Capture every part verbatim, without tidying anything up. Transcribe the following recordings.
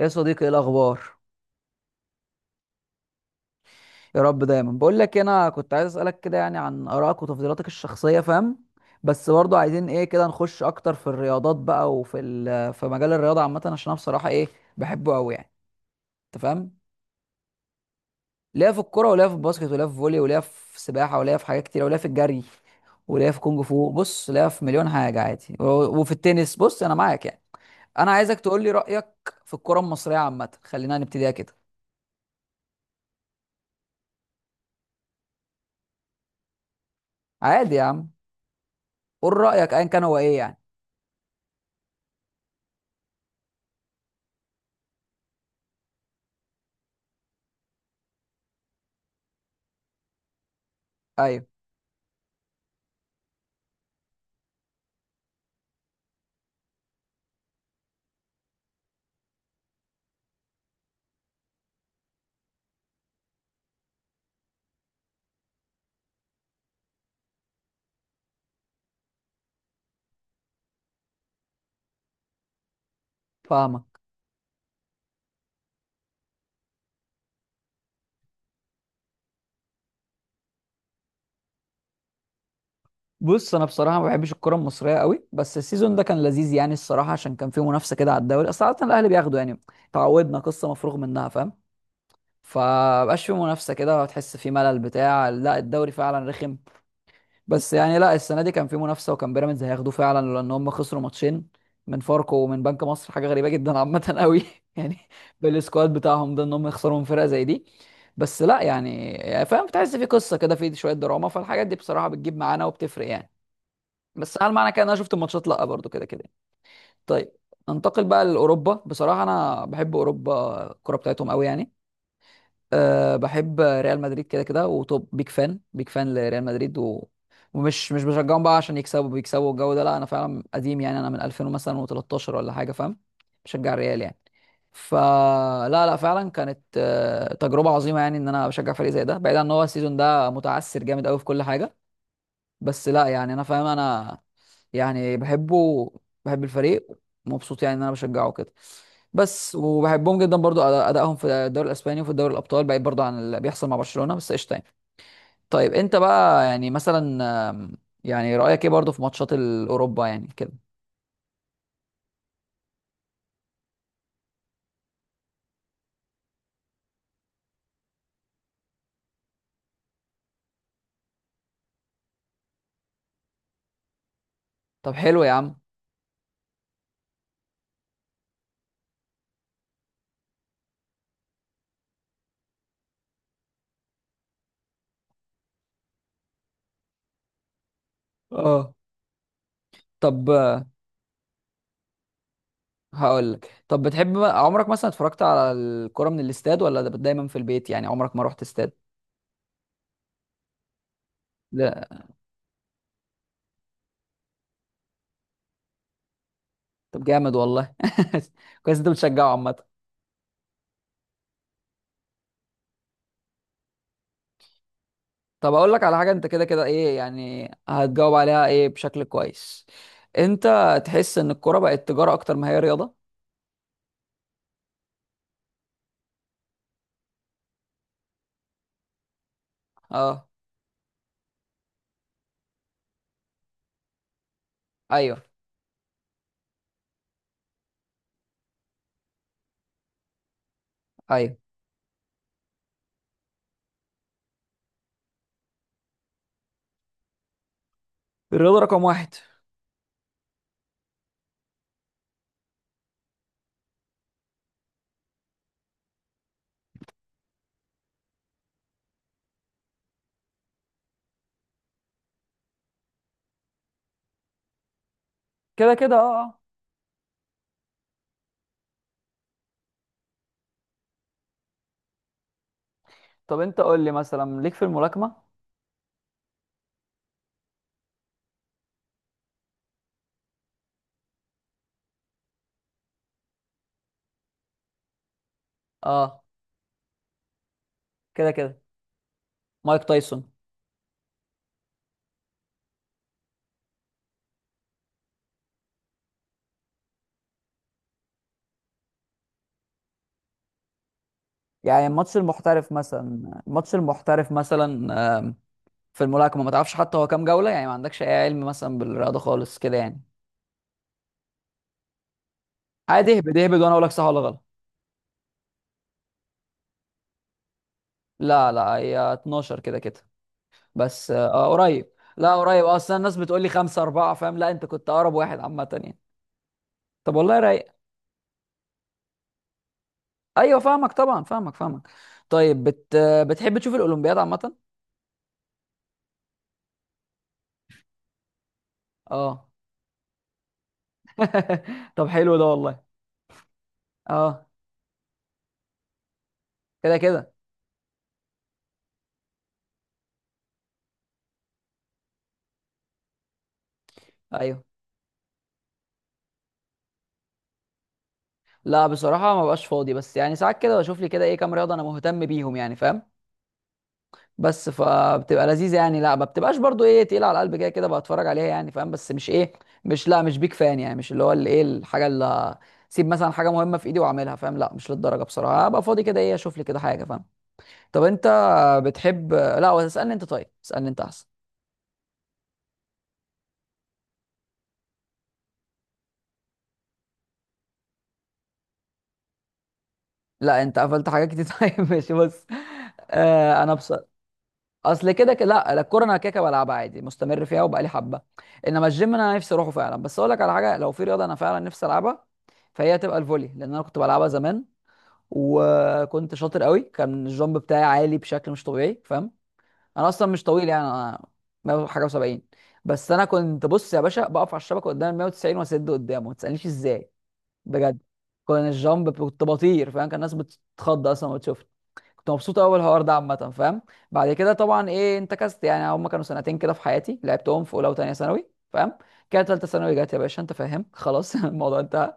يا صديقي ايه الاخبار؟ يا رب دايما. بقول لك إيه، انا كنت عايز اسالك كده يعني عن ارائك وتفضيلاتك الشخصيه، فاهم؟ بس برضو عايزين ايه، كده نخش اكتر في الرياضات بقى وفي ال- في مجال الرياضه عامه، عشان انا بصراحه ايه، بحبه قوي يعني. انت فاهم؟ ليا في الكوره وليا في الباسكت وليا في فولي وليا في سباحه وليا في حاجات كتير وليا في الجري وليا في كونج فو. بص، ليا في مليون حاجه عادي و- وفي التنس. بص انا معاك يعني. انا عايزك تقول لي رايك في الكوره المصريه عامه، خلينا نبتديها كده. عادي يا عم، قول رايك ايا كان هو ايه يعني. ايوه، فاهمك. بص انا بصراحه ما بحبش الكره المصريه قوي، بس السيزون ده كان لذيذ يعني الصراحه، عشان كان فيه منافسه كده على الدوري، اصل عاده الاهلي بياخدوا يعني. تعودنا قصه مفروغ منها، فاهم؟ فمبقاش فيه منافسه كده، وتحس فيه ملل بتاع، لا الدوري فعلا رخم. بس يعني لا، السنه دي كان فيه منافسه، وكان بيراميدز هياخدوه فعلا، لان هم خسروا ماتشين من فاركو ومن بنك مصر، حاجه غريبه جدا عامه قوي يعني، بالسكواد بتاعهم ده، ان هم يخسروا من فرقه زي دي. بس لا يعني، يعني فاهم، بتحس في قصه كده، في شويه دراما، فالحاجات دي بصراحه بتجيب معانا وبتفرق يعني. بس هل معنى كده ان انا شفت الماتشات؟ لا، برضو كده كده. طيب، ننتقل بقى لاوروبا. بصراحه انا بحب اوروبا، الكوره بتاعتهم قوي يعني. أه، بحب ريال مدريد كده كده، وطب بيك فان بيك فان لريال مدريد و... ومش مش بشجعهم بقى عشان يكسبوا، بيكسبوا الجو ده. لا انا فعلا قديم يعني، انا من ألفين مثلا وثلاثة عشر ولا حاجه، فاهم؟ بشجع الريال يعني. فلا لا لا، فعلا كانت آه، تجربه عظيمه يعني ان انا بشجع فريق زي ده، بعيد عن ان هو السيزون ده متعثر جامد قوي في كل حاجه. بس لا يعني، انا فاهم. انا يعني بحبه، بحب الفريق. مبسوط يعني ان انا بشجعه كده. بس وبحبهم جدا برضو، أدا- ادائهم في الدوري الاسباني وفي دوري الابطال، بعيد برضو عن اللي بيحصل مع برشلونة، بس قشطه يعني. طيب انت بقى يعني مثلا، آم، يعني رايك ايه برضو في ماتشات الاوروبا يعني كده؟ طب حلو يا عم. اه، طب هقول لك، طب بتحب، عمرك مثلا اتفرجت على الكرة من الاستاد، ولا ده دايما في البيت يعني؟ عمرك ما رحت استاد؟ لا. طب جامد والله كويس، انت بتشجعه عامة. طب اقول لك على حاجه، انت كده كده ايه يعني، هتجاوب عليها ايه بشكل كويس. انت تحس ان الكوره بقت تجاره اكتر ما هي رياضه؟ اه. ايوه، ايوه. الرياضه رقم واحد كده كده. اه، آه. طب انت قول لي، مثلا ليك في الملاكمه؟ اه، كده كده مايك تايسون. يعني الماتش المحترف مثلا، الماتش المحترف مثلا. آم، في الملاكمه ما تعرفش حتى هو كام جوله؟ يعني ما عندكش اي علم مثلا بالرياضه خالص كده يعني. عادي، اهبد اهبد وانا اقول لك صح ولا غلط. لا لا، هي اتناشر كده كده. بس اه آه، قريب. لا قريب اصلا، الناس بتقول لي خمسة أربعة فاهم، لا أنت كنت أقرب واحد عامة يعني. طب والله رايق. أيوه فاهمك، طبعا فاهمك فاهمك. طيب بت... بتحب تشوف الأولمبياد عامة؟ اه. طب حلو ده والله. اه، كده كده. ايوه، لا بصراحة ما بقاش فاضي، بس يعني ساعات كده بشوف لي كده ايه، كام رياضة انا مهتم بيهم يعني، فاهم؟ بس فبتبقى لذيذه يعني، لا ما بتبقاش برضو ايه تقيله على القلب، كده كده بتفرج عليها يعني، فاهم؟ بس مش ايه، مش لا مش بيك فان يعني، مش اللي هو اللي ايه، الحاجه اللي سيب مثلا حاجه مهمه في ايدي واعملها، فاهم؟ لا مش للدرجه، بصراحه ابقى فاضي كده ايه اشوف لي كده حاجه، فاهم؟ طب انت بتحب، لا هو اسالني انت، طيب اسالني انت احسن. لا انت قفلت حاجات كتير طيب ماشي بص. آه انا بص، اصل كده كده لا لا، الكوره انا كده كده بلعبها عادي، مستمر فيها وبقالي حبه. انما الجيم انا نفسي اروحه فعلا. بس اقول لك على حاجه، لو في رياضه انا فعلا نفسي العبها، فهي هتبقى الفولي، لان انا كنت بلعبها زمان، وكنت شاطر قوي. كان الجامب بتاعي عالي بشكل مش طبيعي، فاهم؟ انا اصلا مش طويل يعني، انا ميه حاجه و70. بس انا كنت، بص يا باشا، بقف على الشبكه قدام ال ميه وتسعين واسد قدامه، ما تسالنيش ازاي. بجد، كان الجامب، كنت بطير فاهم، كان الناس بتتخض اصلا وتشوف. كنت مبسوط قوي الحوار ده عامه، فاهم؟ بعد كده طبعا ايه، انتكست يعني، هم كانوا سنتين كده في حياتي، لعبتهم في اولى وثانيه ثانوي، فاهم؟ كده ثالثه ثانوي جت يا باشا، انت فاهم، خلاص الموضوع انتهى.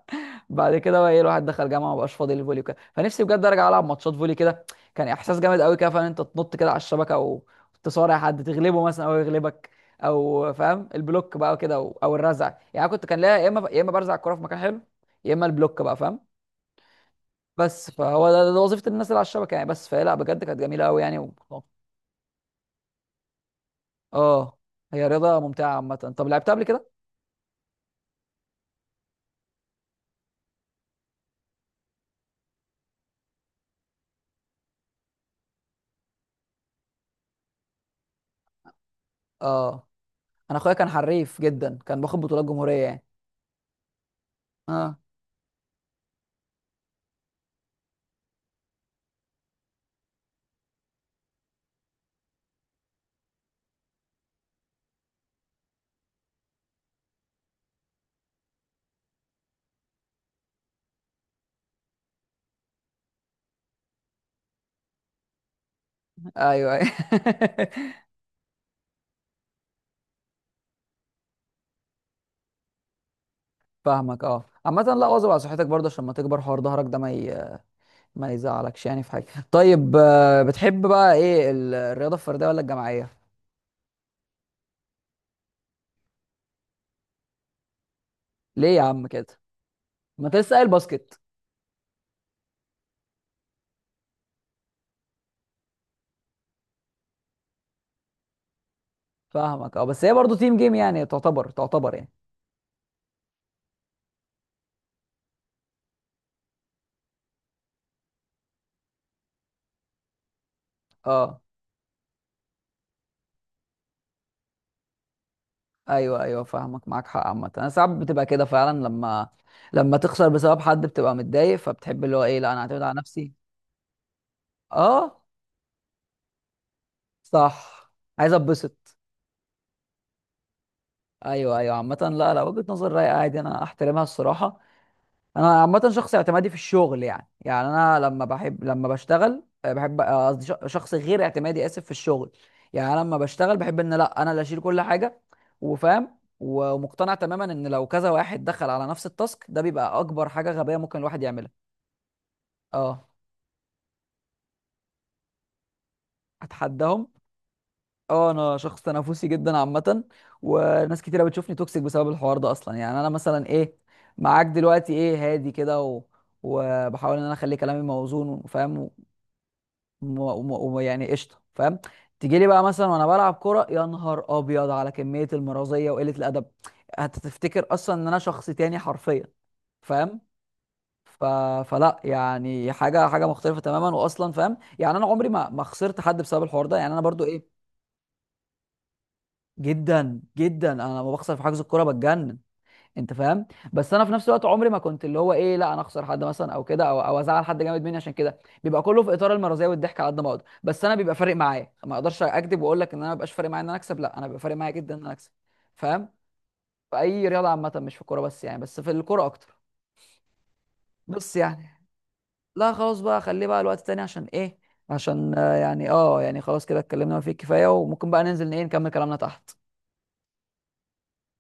بعد كده بقى ايه، الواحد دخل جامعه، مبقاش فاضي للفولي وكده، فنفسي بجد ارجع العب ماتشات فولي كده. كان احساس جامد قوي كده، فاهم، انت تنط كده على الشبكه وتصارع حد، تغلبه مثلا او يغلبك، او فاهم البلوك بقى كده، او أو الرزع يعني. أنا كنت، كان ليا يا اما يا اما برزع الكوره في مكان حلو، يا اما البلوك بقى، فاهم؟ بس فهو ده, ده وظيفة الناس اللي على الشبكة يعني. بس فهي لا بجد كانت جميلة قوي يعني و... اه. هي رياضة ممتعة عامة. طب لعبتها قبل كده؟ اه، انا اخويا كان حريف جدا، كان باخد بطولات جمهورية يعني. اه. ايوه ايوه فاهمك. اه عامة لا، واظب على صحتك برضه عشان ما تكبر حوار ظهرك ده، ما ي... ما يزعلكش يعني في حاجة. طيب آه، بتحب بقى ايه ال- الرياضة الفردية ولا الجماعية؟ ليه يا عم كده؟ ما انت لسه قايل باسكت. فاهمك. اه بس هي برضه تيم جيم يعني، تعتبر تعتبر يعني. اه. ايوه ايوه فاهمك، معاك حق. عامه انا ساعات بتبقى كده فعلا لما، لما تخسر بسبب حد بتبقى متضايق، فبتحب اللي هو ايه، لا انا هعتمد على نفسي. اه صح، عايز اتبسط. ايوه ايوه. عامه لا لا، وجهه نظر رايقه عادي، انا احترمها الصراحه. انا عامه شخص اعتمادي في الشغل يعني، يعني انا لما بحب، لما بشتغل آه، بحب آه، قصدي ش- شخص غير اعتمادي، اسف، في الشغل يعني. انا لما بشتغل بحب ان لا انا اللي اشيل كل حاجه، وفاهم ومقتنع تماما ان لو كذا واحد دخل على نفس التاسك ده، بيبقى اكبر حاجه غبيه ممكن الواحد يعملها. اه، اتحداهم؟ اه انا شخص تنافسي جدا عامه، وناس كتيره بتشوفني توكسيك بسبب الحوار ده اصلا. يعني انا مثلا ايه، معاك دلوقتي ايه، هادي كده و... وبحاول ان انا اخلي كلامي موزون، وفاهم، ويعني قشطه فاهم. تيجي لي بقى مثلا وانا بلعب كوره، يا نهار ابيض على كميه المرازيه وقله الادب، هتفتكر اصلا ان انا شخص تاني حرفيا، فاهم؟ ف... فلا يعني حاجه، حاجه مختلفه تماما واصلا، فاهم؟ يعني انا عمري ما ما خسرت حد بسبب الحوار ده يعني، انا برضو ايه، جدا جدا، انا لما بخسر في حجز الكوره بتجنن، انت فاهم؟ بس انا في نفس الوقت عمري ما كنت اللي هو ايه، لا انا اخسر حد مثلا او كده، او او ازعل حد جامد مني عشان كده. بيبقى كله في اطار المرضيه والضحك على قد ما اقدر، بس انا بيبقى فارق معايا، ما اقدرش اكذب واقول لك ان انا ما بيبقاش فارق معايا ان انا اكسب، لا انا بيبقى فارق معايا جدا ان انا اكسب، فاهم؟ في اي رياضه عامه، مش في الكوره بس يعني، بس في الكوره اكتر. بس يعني لا، خلاص بقى، خليه بقى الوقت تاني عشان ايه، عشان آه، يعني اه يعني خلاص كده، اتكلمنا ما فيه الكفايه، وممكن بقى ننزل ايه نكمل كلامنا تحت.